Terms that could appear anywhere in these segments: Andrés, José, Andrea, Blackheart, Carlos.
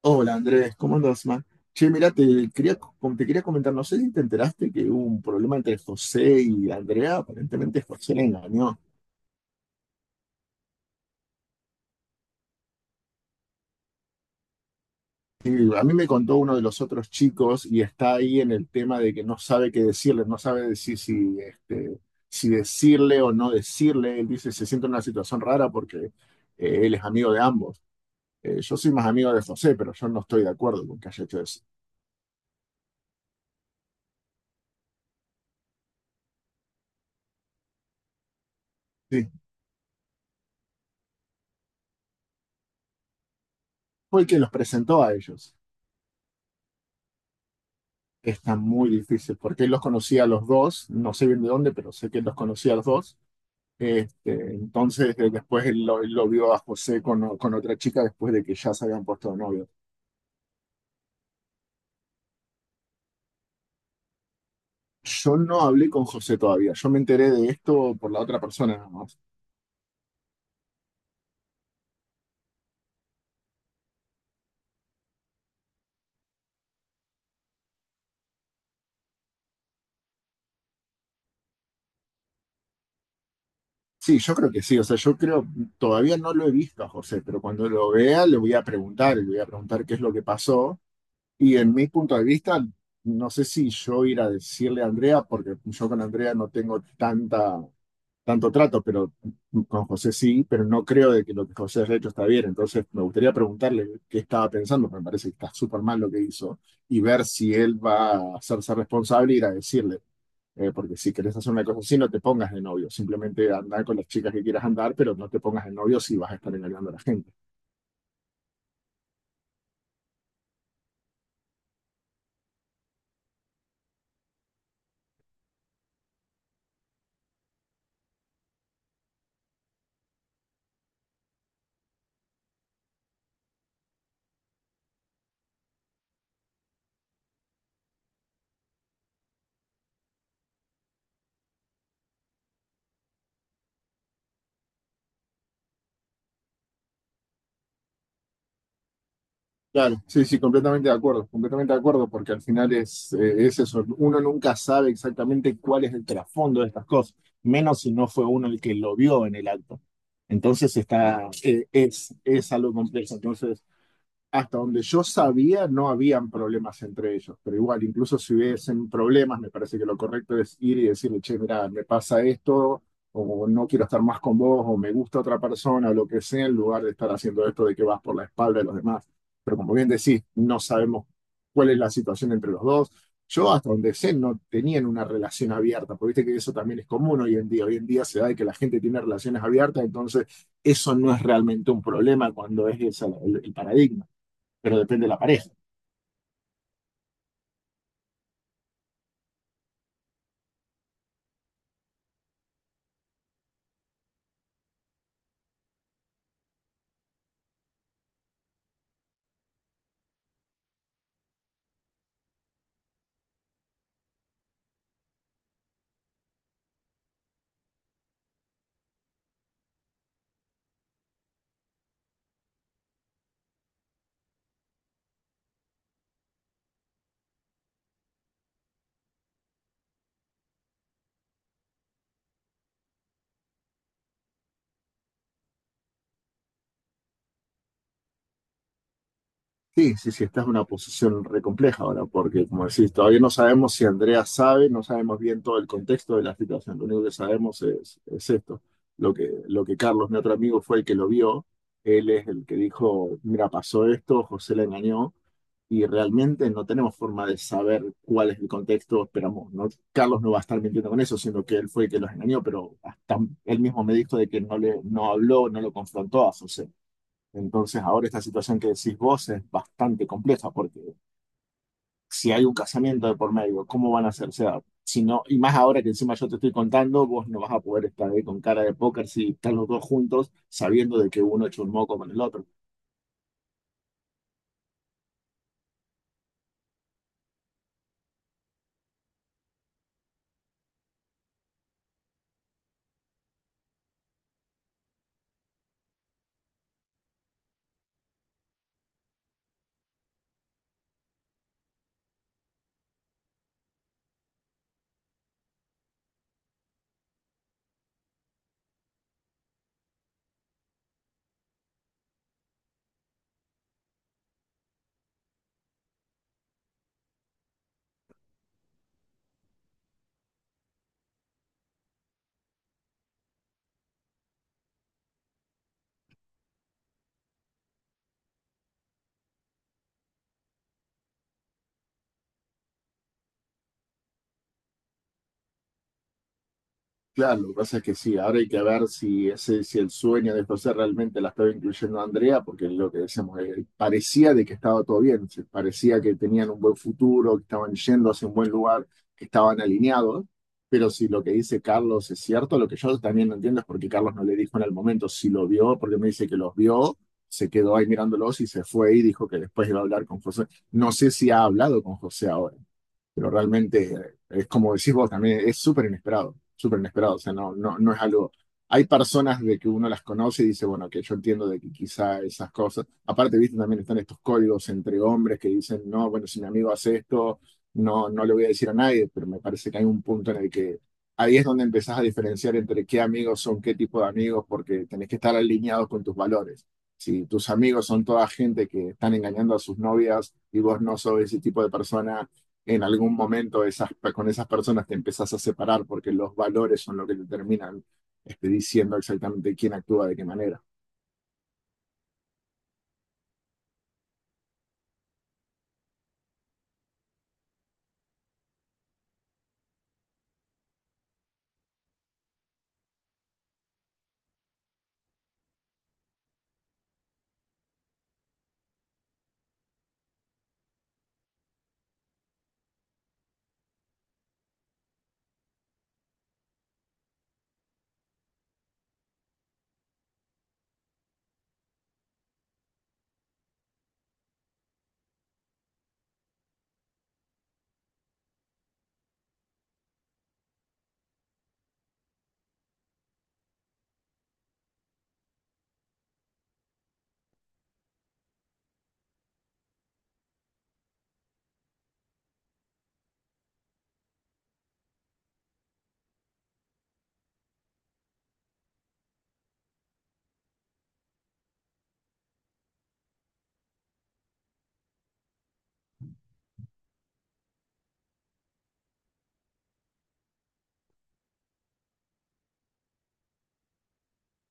Hola Andrés, ¿cómo andas, man? Che, mira, te quería comentar, no sé si te enteraste que hubo un problema entre José y Andrea, aparentemente José le engañó. Sí, a mí me contó uno de los otros chicos y está ahí en el tema de que no sabe qué decirle, no sabe decir si, si decirle o no decirle. Él dice, se siente en una situación rara porque él es amigo de ambos. Yo soy más amigo de José, pero yo no estoy de acuerdo con que haya hecho eso. Sí, fue el que los presentó a ellos. Está muy difícil, porque él los conocía a los dos, no sé bien de dónde, pero sé que los conocía a los dos. Este, entonces, después él lo vio a José con, con otra chica después de que ya se habían puesto de novios. Yo no hablé con José todavía, yo me enteré de esto por la otra persona nada más. Sí, yo creo que sí, o sea, yo creo, todavía no lo he visto a José, pero cuando lo vea le voy a preguntar, le voy a preguntar qué es lo que pasó. Y en mi punto de vista, no sé si yo ir a decirle a Andrea, porque yo con Andrea no tengo tanta tanto trato, pero con José sí, pero no creo de que lo que José ha hecho está bien. Entonces me gustaría preguntarle qué estaba pensando, porque me parece que está súper mal lo que hizo, y ver si él va a hacerse responsable y ir a decirle, porque si querés hacer una cosa así, no te pongas de novio, simplemente andar con las chicas que quieras andar, pero no te pongas de novio si vas a estar engañando a la gente. Claro, sí, sí, completamente de acuerdo, porque al final es eso, uno nunca sabe exactamente cuál es el trasfondo de estas cosas, menos si no fue uno el que lo vio en el acto. Entonces es algo complejo. Entonces, hasta donde yo sabía, no habían problemas entre ellos, pero igual, incluso si hubiesen problemas, me parece que lo correcto es ir y decirle, che, mira, me pasa esto, o no quiero estar más con vos, o me gusta otra persona, o lo que sea, en lugar de estar haciendo esto de que vas por la espalda de los demás. Pero como bien decís, no sabemos cuál es la situación entre los dos. Yo hasta donde sé no tenían una relación abierta, porque viste que eso también es común hoy en día. Hoy en día se da de que la gente tiene relaciones abiertas, entonces eso no es realmente un problema cuando es ese el paradigma, pero depende de la pareja. Sí, sí, sí, esta es una posición re compleja ahora, porque como decís, todavía no sabemos si Andrea sabe, no sabemos bien todo el contexto de la situación, lo único que sabemos es esto, lo que Carlos, mi otro amigo, fue el que lo vio, él es el que dijo, mira, pasó esto, José la engañó, y realmente no tenemos forma de saber cuál es el contexto, esperamos, no, Carlos no va a estar mintiendo con eso, sino que él fue el que los engañó, pero hasta él mismo me dijo de que no habló, no lo confrontó a José. Entonces, ahora esta situación que decís vos es bastante compleja porque si hay un casamiento de por medio, ¿cómo van a hacerse dar? Si no, y más ahora que encima yo te estoy contando, vos no vas a poder estar ahí con cara de póker si están los dos juntos sabiendo de que uno chusmó con el otro. Claro, lo que pasa es que sí, ahora hay que ver si ese, si el sueño de José realmente la estaba incluyendo a Andrea, porque lo que decíamos, parecía de que estaba todo bien, parecía que tenían un buen futuro, que estaban yendo hacia un buen lugar, que estaban alineados, pero si lo que dice Carlos es cierto, lo que yo también no entiendo es por qué Carlos no le dijo en el momento si lo vio, porque me dice que los vio, se quedó ahí mirándolos y se fue y dijo que después iba a hablar con José. No sé si ha hablado con José ahora, pero realmente es como decís vos también, es súper inesperado, o sea, no, no, no es algo, hay personas de que uno las conoce y dice, bueno, que yo entiendo de que quizá esas cosas, aparte, viste, también están estos códigos entre hombres que dicen, no, bueno, si mi amigo hace esto, no, no le voy a decir a nadie, pero me parece que hay un punto en el que ahí es donde empezás a diferenciar entre qué amigos son qué tipo de amigos, porque tenés que estar alineados con tus valores. Si tus amigos son toda gente que están engañando a sus novias y vos no sos ese tipo de persona, en algún momento esas, con esas personas te empezás a separar porque los valores son lo que te terminan diciendo exactamente quién actúa de qué manera.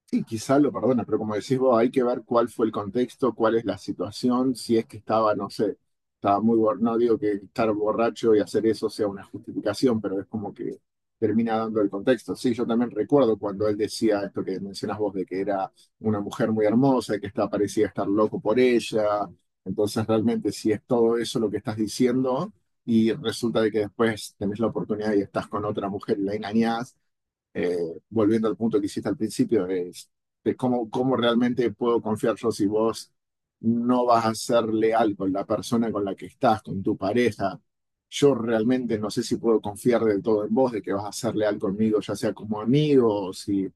Sí, quizá lo perdona, pero como decís vos, hay que ver cuál fue el contexto, cuál es la situación, si es que estaba, no sé, estaba muy borracho, no digo que estar borracho y hacer eso sea una justificación, pero es como que termina dando el contexto. Sí, yo también recuerdo cuando él decía esto que mencionas vos, de que era una mujer muy hermosa y que está, parecía estar loco por ella. Entonces, realmente, si es todo eso lo que estás diciendo y resulta de que después tenés la oportunidad y estás con otra mujer y la engañás, eh, volviendo al punto que hiciste al principio, es de cómo, cómo realmente puedo confiar yo si vos no vas a ser leal con la persona con la que estás, con tu pareja. Yo realmente no sé si puedo confiar del todo en vos, de que vas a ser leal conmigo, ya sea como amigo o si,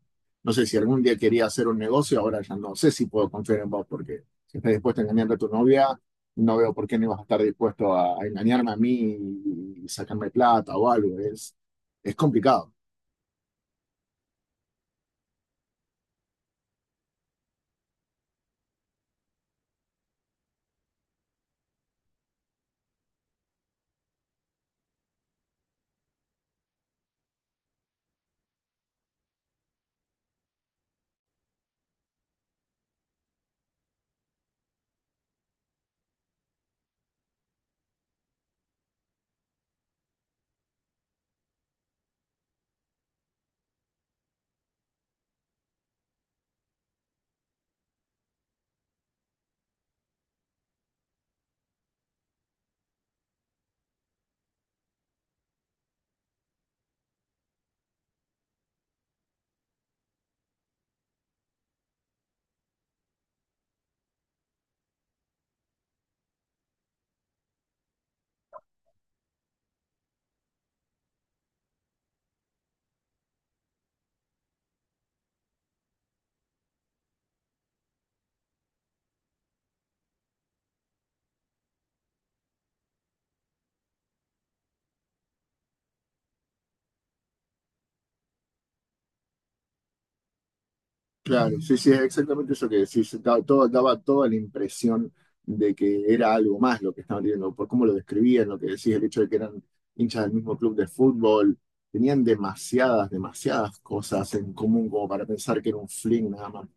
no sé, si algún día quería hacer un negocio, ahora ya no sé si puedo confiar en vos, porque si estás dispuesto a engañar a tu novia, no veo por qué no ibas a estar dispuesto a engañarme a mí y sacarme plata o algo. Es complicado. Claro, sí, sí, es exactamente eso que decís. Todo, daba toda la impresión de que era algo más lo que estaban viendo, por cómo lo describían, lo que decís, el hecho de que eran hinchas del mismo club de fútbol. Tenían demasiadas, demasiadas cosas en común como para pensar que era un fling nada más.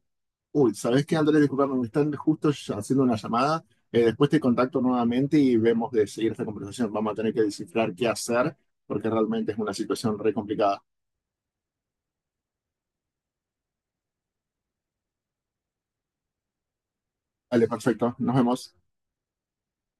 Uy, ¿sabés qué, Andrés? Disculpame, me están justo ya haciendo una llamada. Después te contacto nuevamente y vemos de seguir esta conversación. Vamos a tener que descifrar qué hacer porque realmente es una situación re complicada. Vale, perfecto. Nos vemos.